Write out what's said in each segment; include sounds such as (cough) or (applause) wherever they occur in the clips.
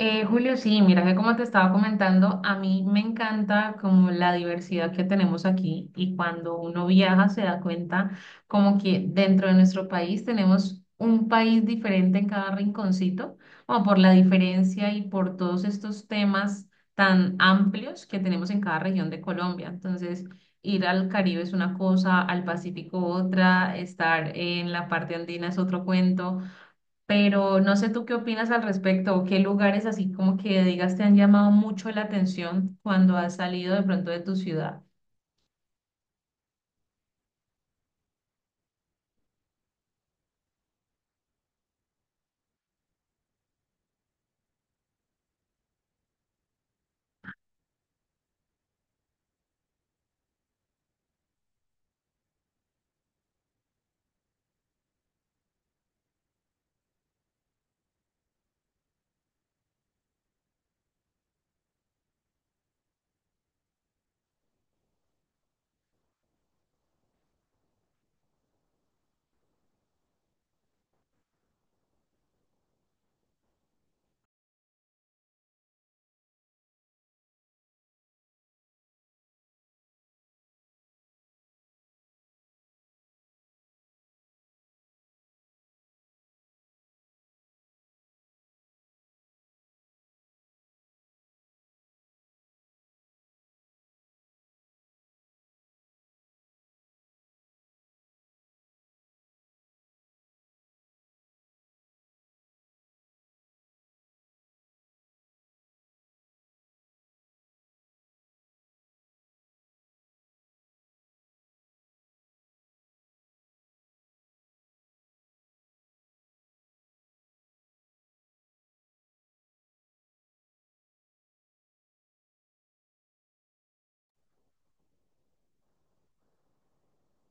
Julio, sí, mira que como te estaba comentando, a mí me encanta como la diversidad que tenemos aquí y cuando uno viaja se da cuenta como que dentro de nuestro país tenemos un país diferente en cada rinconcito, como por la diferencia y por todos estos temas tan amplios que tenemos en cada región de Colombia. Entonces, ir al Caribe es una cosa, al Pacífico otra, estar en la parte andina es otro cuento, pero no sé tú qué opinas al respecto o qué lugares así como que digas te han llamado mucho la atención cuando has salido de pronto de tu ciudad.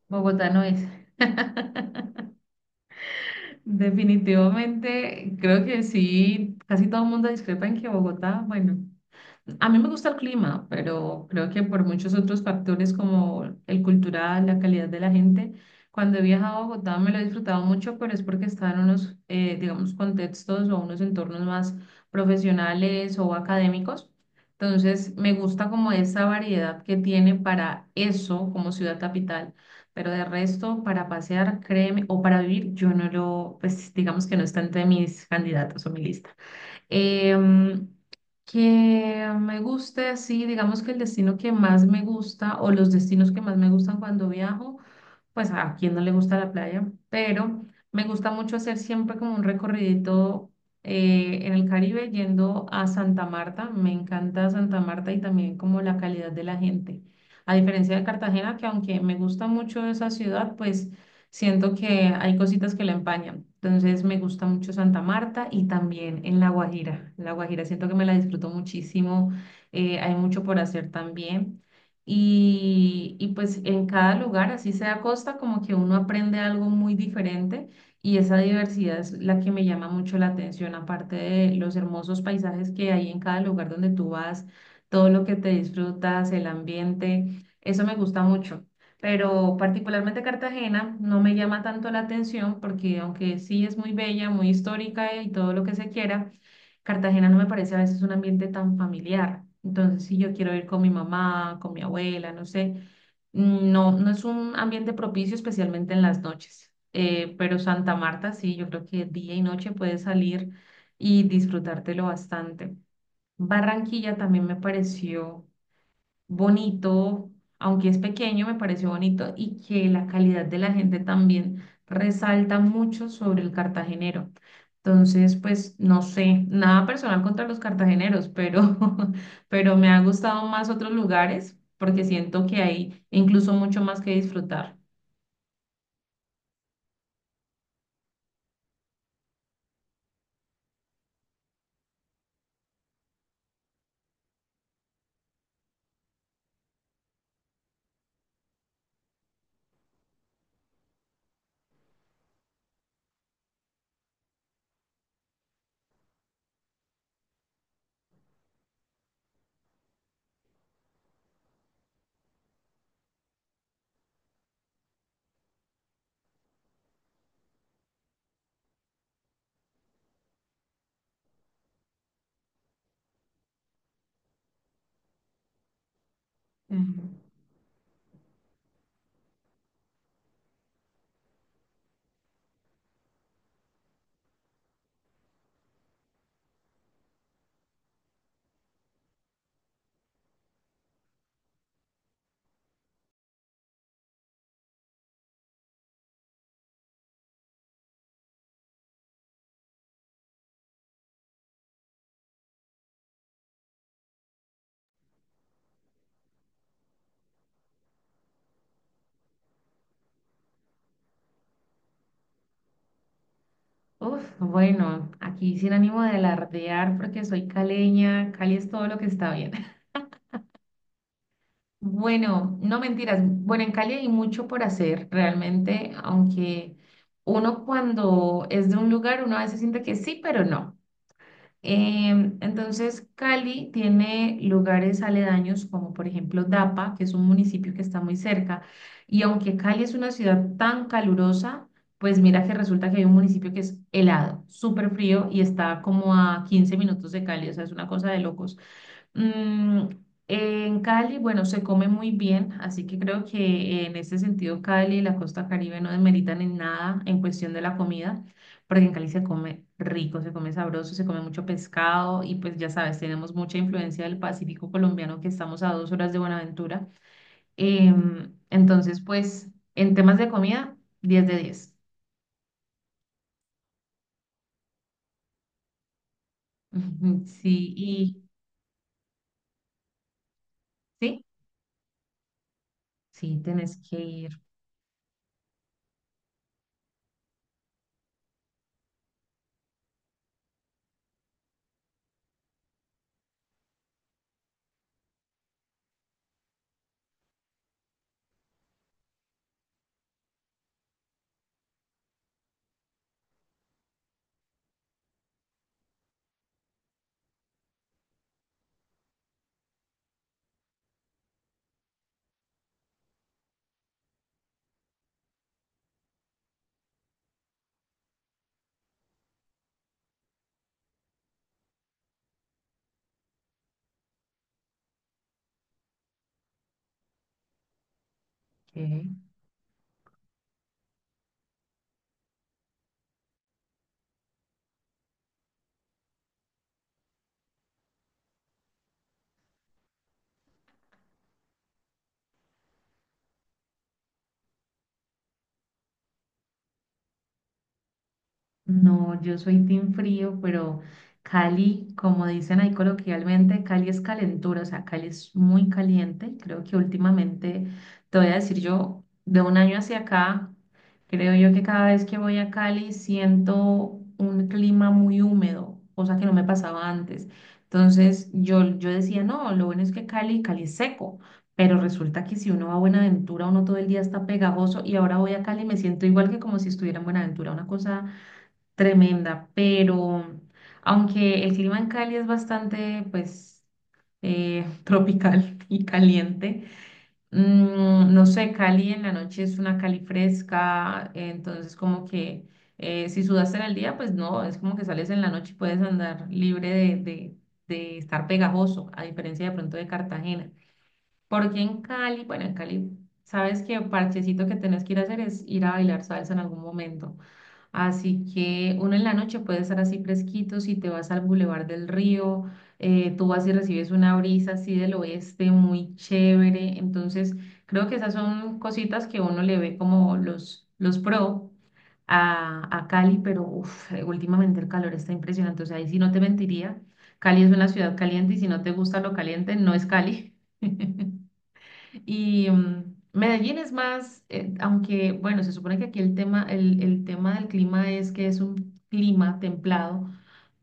Bogotá no es. (laughs) Definitivamente, creo que sí, casi todo el mundo discrepa en que Bogotá, bueno. A mí me gusta el clima, pero creo que por muchos otros factores como el cultural, la calidad de la gente, cuando he viajado a Bogotá me lo he disfrutado mucho, pero es porque está en unos, digamos, contextos o unos entornos más profesionales o académicos. Entonces, me gusta como esa variedad que tiene para eso como ciudad capital, pero de resto, para pasear, créeme, o para vivir, yo no lo, pues digamos que no está entre mis candidatos o mi lista. Em, que me guste, sí, digamos que el destino que más me gusta o los destinos que más me gustan cuando viajo, pues a quien no le gusta la playa, pero me gusta mucho hacer siempre como un recorridito en el Caribe yendo a Santa Marta. Me encanta Santa Marta y también como la calidad de la gente. A diferencia de Cartagena, que aunque me gusta mucho esa ciudad, pues siento que hay cositas que la empañan. Entonces me gusta mucho Santa Marta y también en La Guajira. La Guajira siento que me la disfruto muchísimo. Hay mucho por hacer también. Y pues en cada lugar, así sea costa, como que uno aprende algo muy diferente y esa diversidad es la que me llama mucho la atención, aparte de los hermosos paisajes que hay en cada lugar donde tú vas, todo lo que te disfrutas, el ambiente, eso me gusta mucho. Pero particularmente Cartagena no me llama tanto la atención porque aunque sí es muy bella, muy histórica y todo lo que se quiera, Cartagena no me parece a veces un ambiente tan familiar. Entonces, si yo quiero ir con mi mamá, con mi abuela, no sé, no, no es un ambiente propicio, especialmente en las noches. Pero Santa Marta, sí, yo creo que día y noche puedes salir y disfrutártelo bastante. Barranquilla también me pareció bonito, aunque es pequeño, me pareció bonito y que la calidad de la gente también resalta mucho sobre el cartagenero. Entonces, pues no sé, nada personal contra los cartageneros, pero, (laughs) pero me ha gustado más otros lugares porque siento que hay incluso mucho más que disfrutar. Ujú. Uf, bueno, aquí sin ánimo de alardear porque soy caleña, Cali es todo lo que está bien. Bueno, no mentiras. Bueno, en Cali hay mucho por hacer, realmente, aunque uno cuando es de un lugar, uno a veces siente que sí, pero no. Entonces, Cali tiene lugares aledaños como por ejemplo Dapa, que es un municipio que está muy cerca, y aunque Cali es una ciudad tan calurosa, pues mira que resulta que hay un municipio que es helado, súper frío y está como a 15 minutos de Cali, o sea, es una cosa de locos. Mm, en Cali, bueno, se come muy bien, así que creo que en ese sentido Cali y la costa Caribe no demeritan en nada en cuestión de la comida, porque en Cali se come rico, se come sabroso, se come mucho pescado y pues ya sabes, tenemos mucha influencia del Pacífico colombiano que estamos a 2 horas de Buenaventura. Entonces, pues en temas de comida, 10/10. (laughs) Ujú, sí, y sí, sí, tenés que ir. Ok. No, yo soy team frío, pero Cali, como dicen ahí coloquialmente, Cali es calentura, o sea, Cali es muy caliente. Creo que últimamente, te voy a decir yo, de un año hacia acá, creo yo que cada vez que voy a Cali siento un clima muy húmedo, cosa que no me pasaba antes. Entonces yo decía, no, lo bueno es que Cali, Cali es seco. Pero resulta que si uno va a Buenaventura, uno todo el día está pegajoso y ahora voy a Cali y me siento igual que como si estuviera en Buenaventura, una cosa tremenda, pero aunque el clima en Cali es bastante, pues, (laughs) tropical y caliente, no sé, Cali en la noche es una Cali fresca, entonces como que si sudaste en el día, pues no, es como que sales en la noche y puedes andar libre de estar pegajoso, a diferencia de pronto de Cartagena. Porque en Cali, bueno, en Cali, sabes que parchecito que tenés que ir a hacer es ir a bailar salsa en algún momento. Así que uno en la noche puede estar así fresquito, si te vas al Boulevard del Río, tú vas y recibes una brisa así del oeste muy chévere. Entonces, creo que esas son cositas que uno le ve como los pro a Cali, pero uf, últimamente el calor está impresionante. O sea, ahí sí no te mentiría. Cali es una ciudad caliente y si no te gusta lo caliente, no es Cali. Y Medellín es más, aunque bueno, se supone que aquí el tema del clima es que es un clima templado,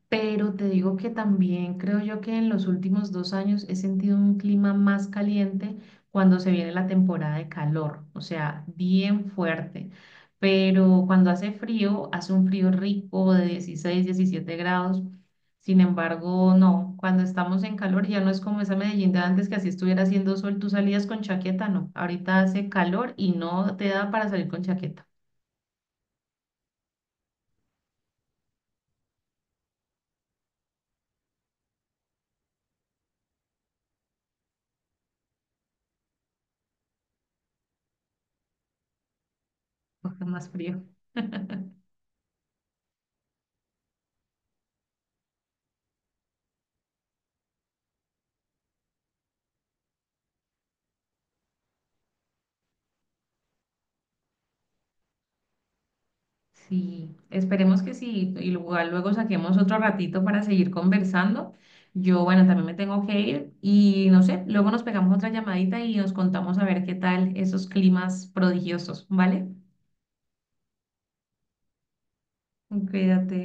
pero te digo que también creo yo que en los últimos 2 años he sentido un clima más caliente cuando se viene la temporada de calor, o sea, bien fuerte. Pero cuando hace frío, hace un frío rico de 16, 17 grados. Sin embargo, no, cuando estamos en calor ya no es como esa Medellín de antes que así estuviera haciendo sol, tú salías con chaqueta, no. Ahorita hace calor y no te da para salir con chaqueta, (laughs) más frío. (laughs) Sí, esperemos que sí, y igual luego saquemos otro ratito para seguir conversando. Yo, bueno, también me tengo que ir y no sé, luego nos pegamos otra llamadita y nos contamos a ver qué tal esos climas prodigiosos, ¿vale? Cuídate.